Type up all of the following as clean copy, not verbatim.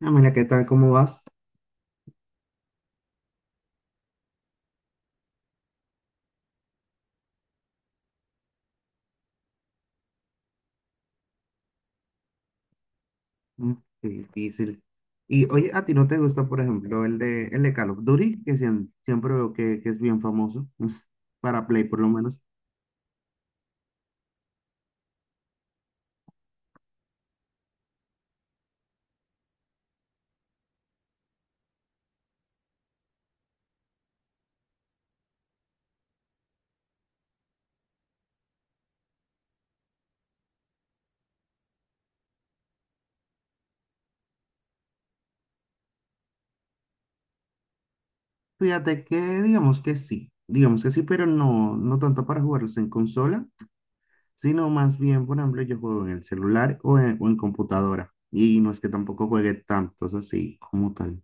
Ah, mira, ¿qué tal? ¿Cómo vas? Mm, qué difícil. Y oye, ¿a ti no te gusta, por ejemplo, el de Call of Duty? Que siempre veo que es bien famoso, para Play por lo menos. Fíjate que digamos que sí, pero no, no tanto para jugarlos en consola, sino más bien, por ejemplo, yo juego en el celular o en computadora. Y no es que tampoco juegue tantos así como tal.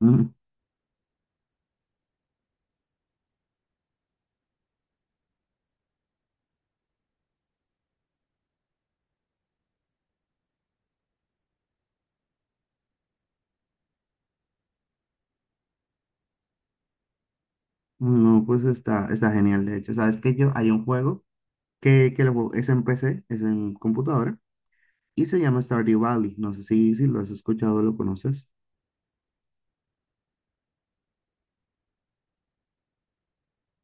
Mm. No, pues está genial, de hecho. Sabes que yo, hay un juego que es en PC, es en computadora. Y se llama Stardew Valley. No sé si lo has escuchado o lo conoces.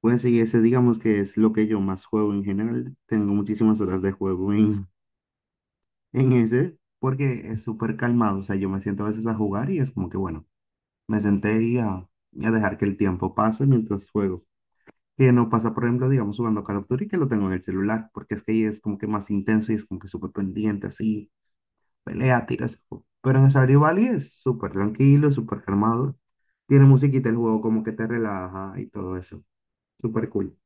Pues sí, ese digamos que es lo que yo más juego en general. Tengo muchísimas horas de juego en, en ese porque es súper calmado. O sea, yo me siento a veces a jugar y es como que, bueno, me senté y a dejar que el tiempo pase mientras juego. Que no pasa, por ejemplo, digamos, jugando Call of Duty, que lo tengo en el celular, porque es que ahí es como que más intenso y es como que súper pendiente, así. Pelea, tiras. Pero en Stardew Valley es súper tranquilo, súper calmado. Tiene musiquita el juego, como que te relaja y todo eso. Súper cool.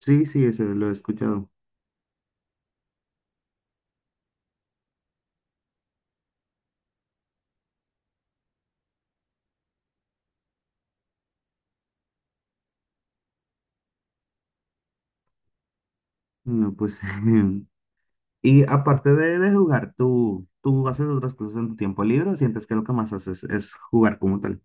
Sí, sí, eso lo he escuchado. No, pues. Y aparte de jugar, ¿tú haces otras cosas en tu tiempo libre o sientes que lo que más haces es jugar como tal?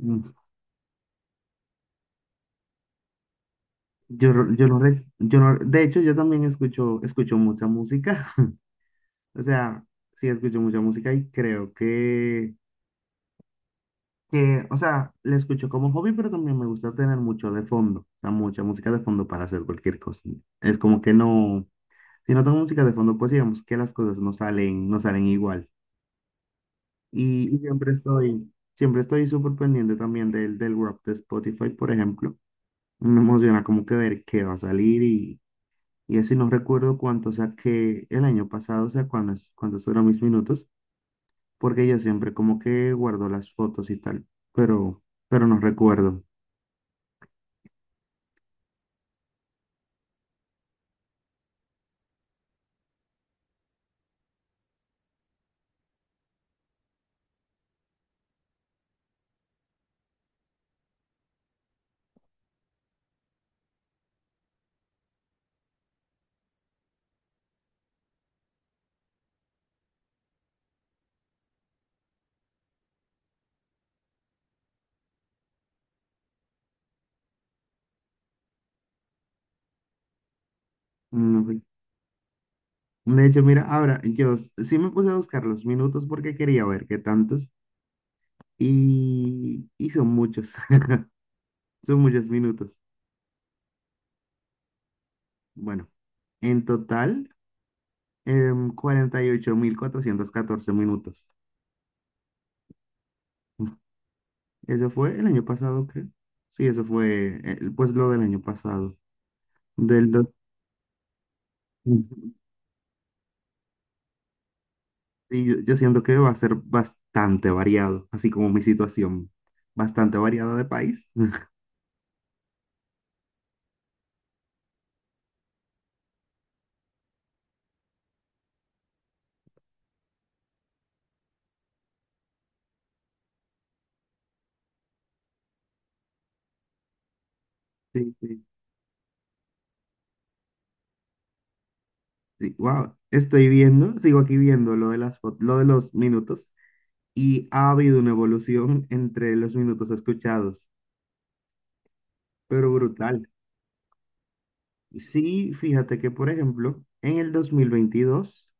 Mm. Yo no, de hecho, yo también escucho mucha música. O sea, sí escucho mucha música y creo que, o sea, la escucho como hobby, pero también me gusta tener mucho de fondo, o sea, mucha música de fondo para hacer cualquier cosa. Es como que no, si no tengo música de fondo, pues digamos que las cosas no salen, no salen igual. Y siempre estoy súper pendiente también del rap de Spotify, por ejemplo. Me emociona como que ver qué va a salir y así no recuerdo cuánto saqué el año pasado, o sea, cuántos fueron mis minutos, porque yo siempre como que guardo las fotos y tal, pero, pero no recuerdo. No. De hecho, mira, ahora yo sí me puse a buscar los minutos porque quería ver qué tantos y son muchos, son muchos minutos. Bueno, en total, 48.414 minutos. Eso fue el año pasado, creo. Sí, eso fue pues lo del año pasado. Del dos. Sí, yo siento que va a ser bastante variado, así como mi situación, bastante variada de país. Sí, sí. Wow, estoy viendo, sigo aquí viendo lo de los minutos y ha habido una evolución entre los minutos escuchados, pero brutal. Sí, fíjate que, por ejemplo, en el 2022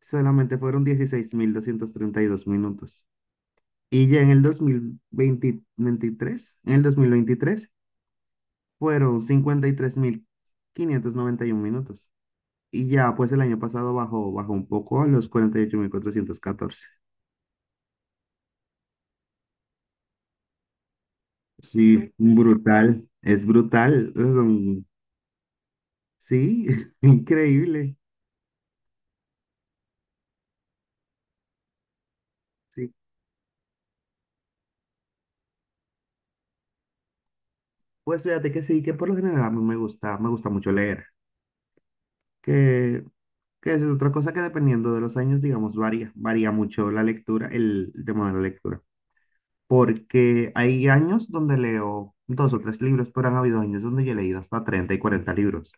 solamente fueron 16.232 minutos y ya en el 2023 fueron cincuenta y tres mil quinientos noventa y uno minutos y ya pues el año pasado bajó un poco a los 48.414. Sí, brutal, es brutal. Sí, increíble. Sí. Pues fíjate que sí, que por lo general a mí me gusta mucho leer, que, que eso es otra cosa que dependiendo de los años, digamos, varía mucho la lectura, el tema de la lectura. Porque hay años donde leo dos o tres libros, pero han habido años donde yo he leído hasta 30 y 40 libros.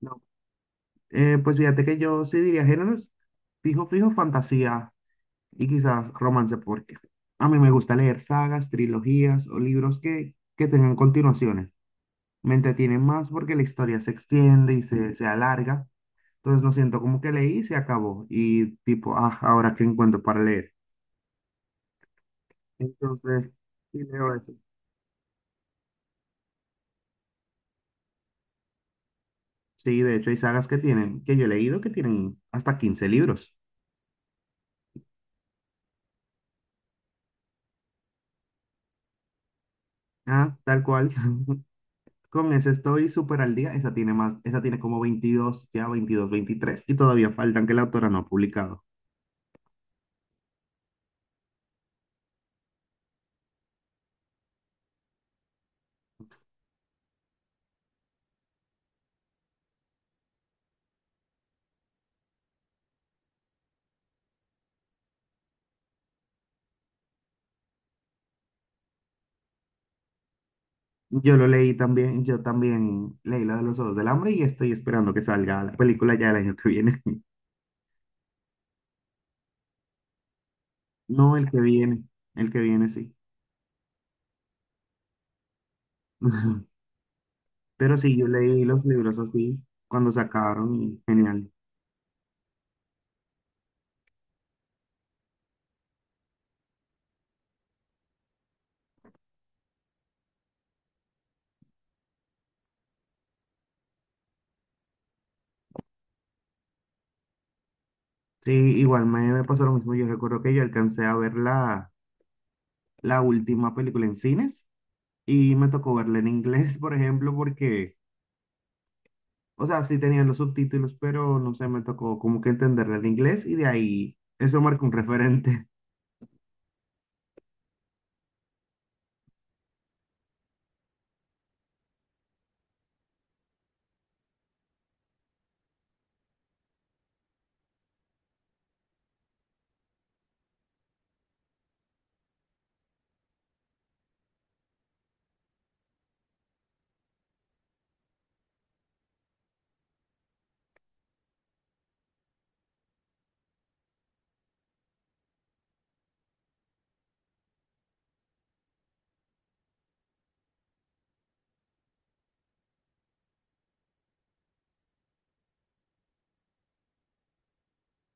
No, pues fíjate que yo sí diría géneros, fijo, fijo, fantasía. Y quizás romance, porque a mí me gusta leer sagas, trilogías o libros que tengan continuaciones. Me entretienen más porque la historia se extiende y se alarga. Entonces no siento como que leí y se acabó. Y tipo, ah, ahora qué encuentro para leer. Entonces, sí leo eso. Sí, de hecho hay sagas que yo he leído que tienen hasta 15 libros. Ah, tal cual. Con esa estoy súper al día. Esa tiene como 22 ya 22 23. Y todavía faltan que la autora no ha publicado. Yo lo leí también, yo también leí la de los Ojos del Hambre y estoy esperando que salga la película ya el año que viene. No, el que viene sí. Pero sí, yo leí los libros así cuando sacaron y genial. Sí, igual me pasó lo mismo. Yo recuerdo que yo alcancé a ver la última película en cines y me tocó verla en inglés, por ejemplo, porque, o sea, sí tenían los subtítulos, pero no sé, me tocó como que entenderla en inglés y de ahí eso marca un referente.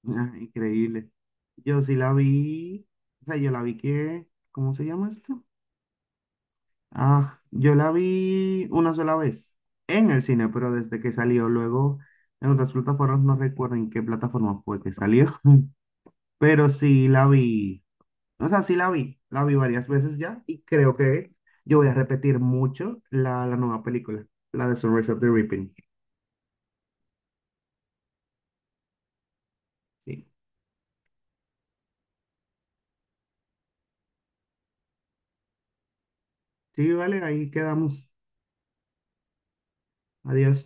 Ah, increíble. Yo sí la vi, o sea, yo la vi que, ¿cómo se llama esto? Ah, yo la vi una sola vez en el cine, pero desde que salió, luego en otras plataformas, no recuerdo en qué plataforma fue que salió, pero sí la vi, o sea, sí la vi varias veces ya y creo que yo voy a repetir mucho la nueva película, la de Sunrise of the Reaping. Sí, sí, vale, ahí quedamos. Adiós.